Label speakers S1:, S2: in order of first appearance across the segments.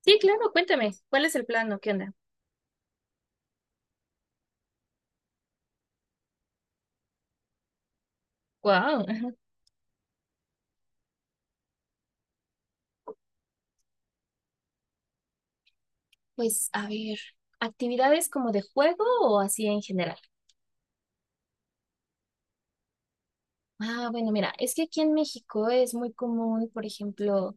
S1: Sí, claro, cuéntame, ¿cuál es el plano? ¿Qué onda? Wow. Pues a ver, actividades como de juego o así en general. Ah, bueno, mira, es que aquí en México es muy común, por ejemplo,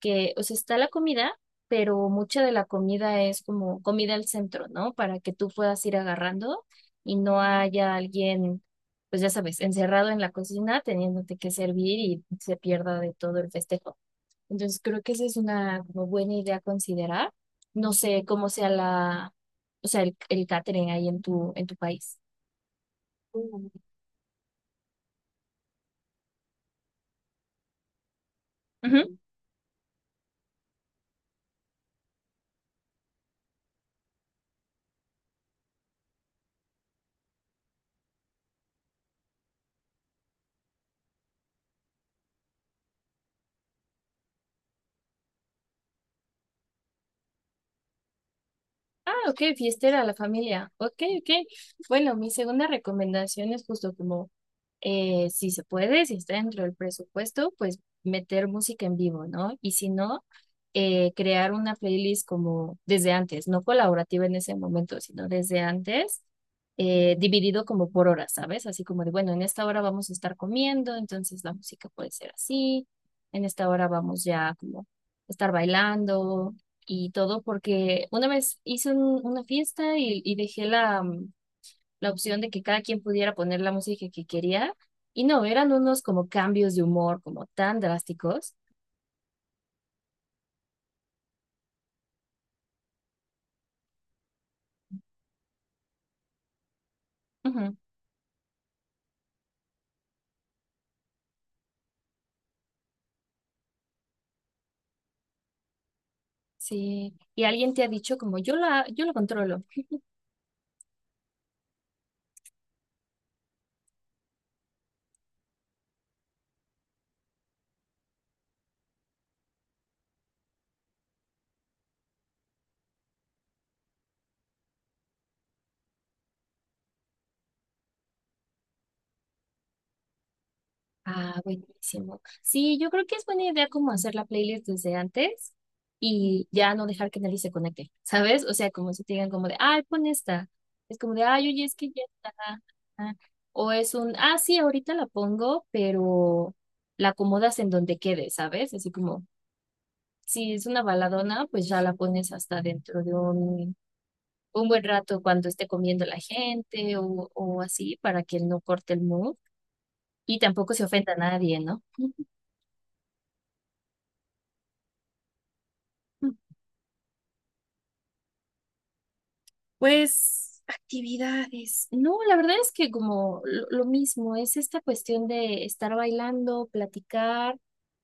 S1: que, o sea, está la comida, pero mucha de la comida es como comida al centro, ¿no? Para que tú puedas ir agarrando y no haya alguien, pues ya sabes, encerrado en la cocina teniéndote que servir y se pierda de todo el festejo. Entonces creo que esa es una como buena idea a considerar. No sé cómo sea la, o sea, el catering ahí en tu país. Ujú. Ah, ok, fiestera, la familia. Ok, ok. Bueno, mi segunda recomendación es justo como, si se puede, si está dentro del presupuesto, pues meter música en vivo, ¿no? Y si no, crear una playlist como desde antes, no colaborativa en ese momento, sino desde antes, dividido como por horas, ¿sabes? Así como de, bueno, en esta hora vamos a estar comiendo, entonces la música puede ser así, en esta hora vamos ya como a estar bailando y todo, porque una vez hice una fiesta y dejé la, la opción de que cada quien pudiera poner la música que quería, y no, eran unos como cambios de humor como tan drásticos. Ujú, sí, y alguien te ha dicho como yo la, yo lo controlo. Ah, buenísimo. Sí, yo creo que es buena idea como hacer la playlist desde antes y ya no dejar que nadie se conecte, ¿sabes? O sea, como si te digan como de, ay, pon esta. Es como de, ay, oye, es que ya está. Ah". O es un, ah, sí, ahorita la pongo, pero la acomodas en donde quede, ¿sabes? Así como, si es una baladona, pues ya la pones hasta dentro de un buen rato cuando esté comiendo la gente o así para que no corte el mood y tampoco se ofenda a nadie, ¿no? Pues actividades. No, la verdad es que como lo mismo, es esta cuestión de estar bailando, platicar.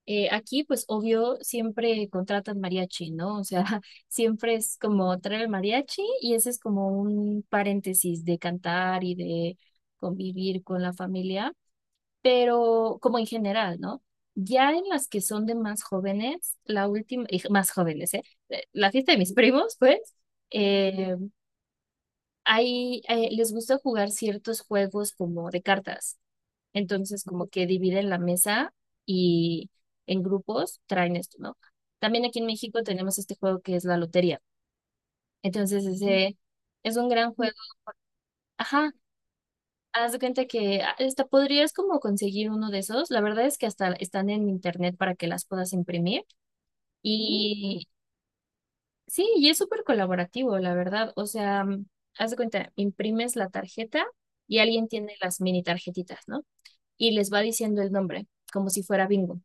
S1: Aquí, pues obvio, siempre contratan mariachi, ¿no? O sea, siempre es como traer el mariachi y ese es como un paréntesis de cantar y de convivir con la familia, pero como en general, ¿no? Ya en las que son de más jóvenes, la última, y más jóvenes, ¿eh? La fiesta de mis primos, pues. Eh, hay, les gusta jugar ciertos juegos como de cartas. Entonces, como que dividen la mesa y en grupos traen esto, ¿no? También aquí en México tenemos este juego que es la lotería. Entonces, ese es un gran juego. Ajá, haz de cuenta que ah, hasta podrías como conseguir uno de esos. La verdad es que hasta están en internet para que las puedas imprimir. Y sí, y es súper colaborativo, la verdad. O sea, haz de cuenta, imprimes la tarjeta y alguien tiene las mini tarjetitas, ¿no? Y les va diciendo el nombre, como si fuera bingo.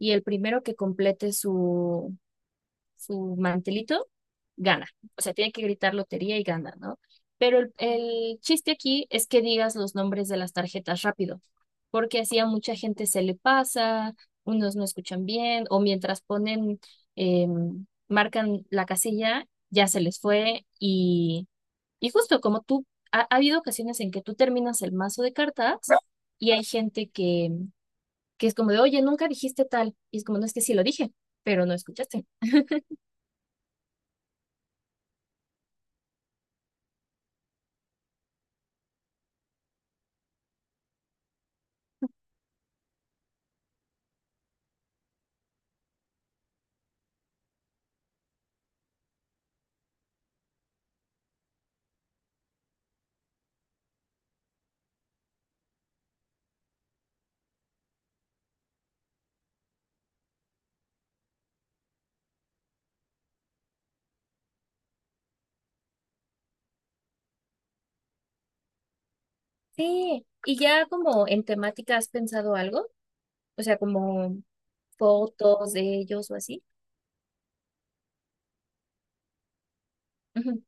S1: Y el primero que complete su, su mantelito, gana. O sea, tiene que gritar lotería y gana, ¿no? Pero el chiste aquí es que digas los nombres de las tarjetas rápido, porque así a mucha gente se le pasa, unos no escuchan bien, o mientras ponen, marcan la casilla, ya se les fue. Y justo como tú, ha habido ocasiones en que tú terminas el mazo de cartas y hay gente que es como de, oye, nunca dijiste tal. Y es como, no es que sí lo dije, pero no escuchaste. Sí, y ya como en temática has pensado algo, o sea, como fotos de ellos o así. Ujú.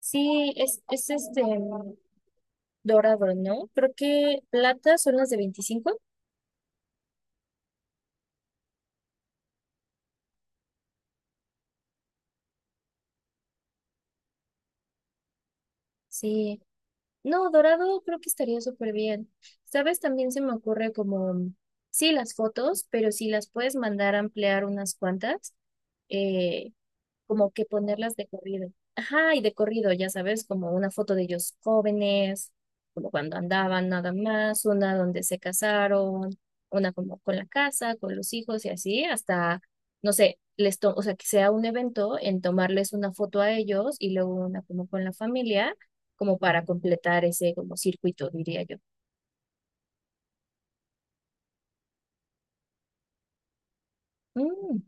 S1: Sí, es este dorado, ¿no? Creo que plata son las de 25. Sí, no, dorado creo que estaría súper bien. ¿Sabes? También se me ocurre como, sí, las fotos, pero si las puedes mandar a ampliar unas cuantas, eh, como que ponerlas de corrido. Ajá, y de corrido, ya sabes, como una foto de ellos jóvenes, como cuando andaban nada más, una donde se casaron, una como con la casa, con los hijos y así, hasta, no sé, o sea, que sea un evento en tomarles una foto a ellos y luego una como con la familia, como para completar ese como circuito, diría yo. Mm.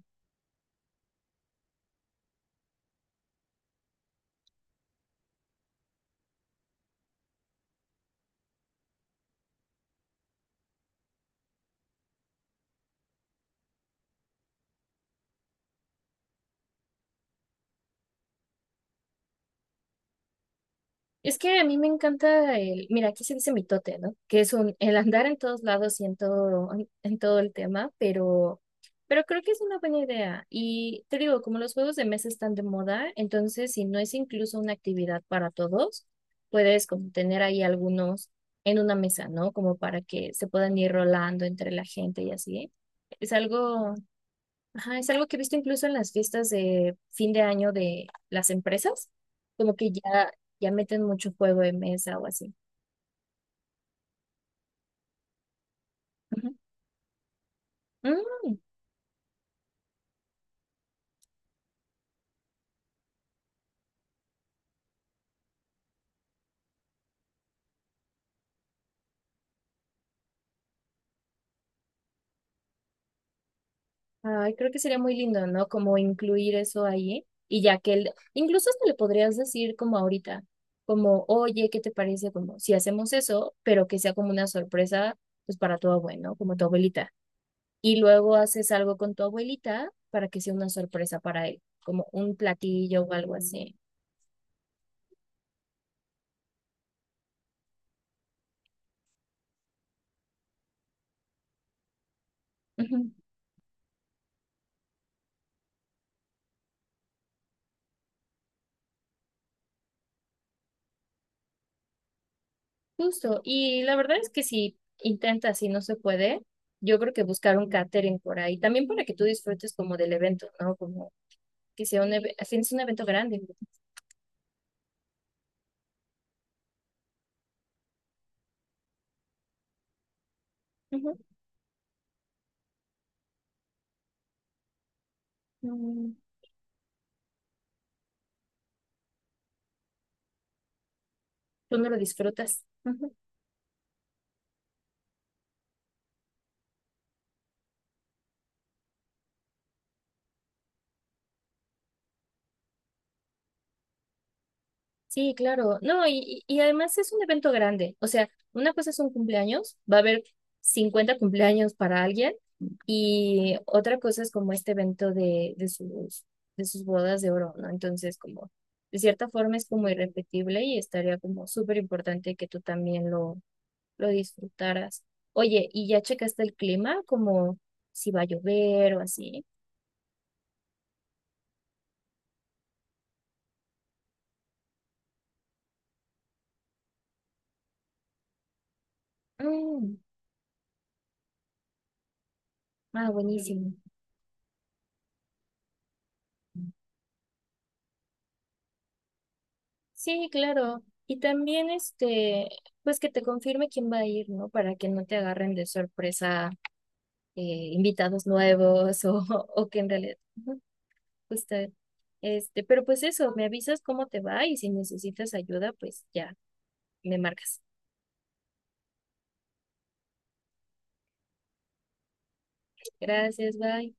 S1: Es que a mí me encanta el, mira, aquí se dice mitote, ¿no? Que es un, el andar en todos lados y en todo, en todo el tema, pero creo que es una buena idea. Y te digo, como los juegos de mesa están de moda, entonces si no es incluso una actividad para todos, puedes como tener ahí algunos en una mesa, ¿no? Como para que se puedan ir rolando entre la gente y así. Es algo. Ajá, es algo que he visto incluso en las fiestas de fin de año de las empresas, como que ya, ya meten mucho juego de mesa o así. Ujú. Mm, ay, creo que sería muy lindo, ¿no? Como incluir eso ahí y ya que él incluso hasta le podrías decir como ahorita, como, oye, ¿qué te parece? Como si hacemos eso, pero que sea como una sorpresa, pues para tu abuelo, ¿no? Como tu abuelita. Y luego haces algo con tu abuelita para que sea una sorpresa para él, como un platillo o algo así. Justo, y la verdad es que si intentas y no se puede, yo creo que buscar un catering por ahí, también para que tú disfrutes como del evento, ¿no? Como que sea un evento, es un evento grande. Ujú. No, tú no lo disfrutas. Ujú. Sí, claro. No, y además es un evento grande. O sea, una cosa es un cumpleaños, va a haber 50 cumpleaños para alguien. Y otra cosa es como este evento de, de sus bodas de oro, ¿no? Entonces, como de cierta forma es como irrepetible y estaría como súper importante que tú también lo disfrutaras. Oye, ¿y ya checaste el clima? Como si va a llover o así. Mm, ah, buenísimo. Sí, claro. Y también este, pues que te confirme quién va a ir, ¿no? Para que no te agarren de sorpresa eh, invitados nuevos o que en realidad. Justo, este, pero pues eso, me avisas cómo te va y si necesitas ayuda, pues ya, me marcas. Gracias, bye.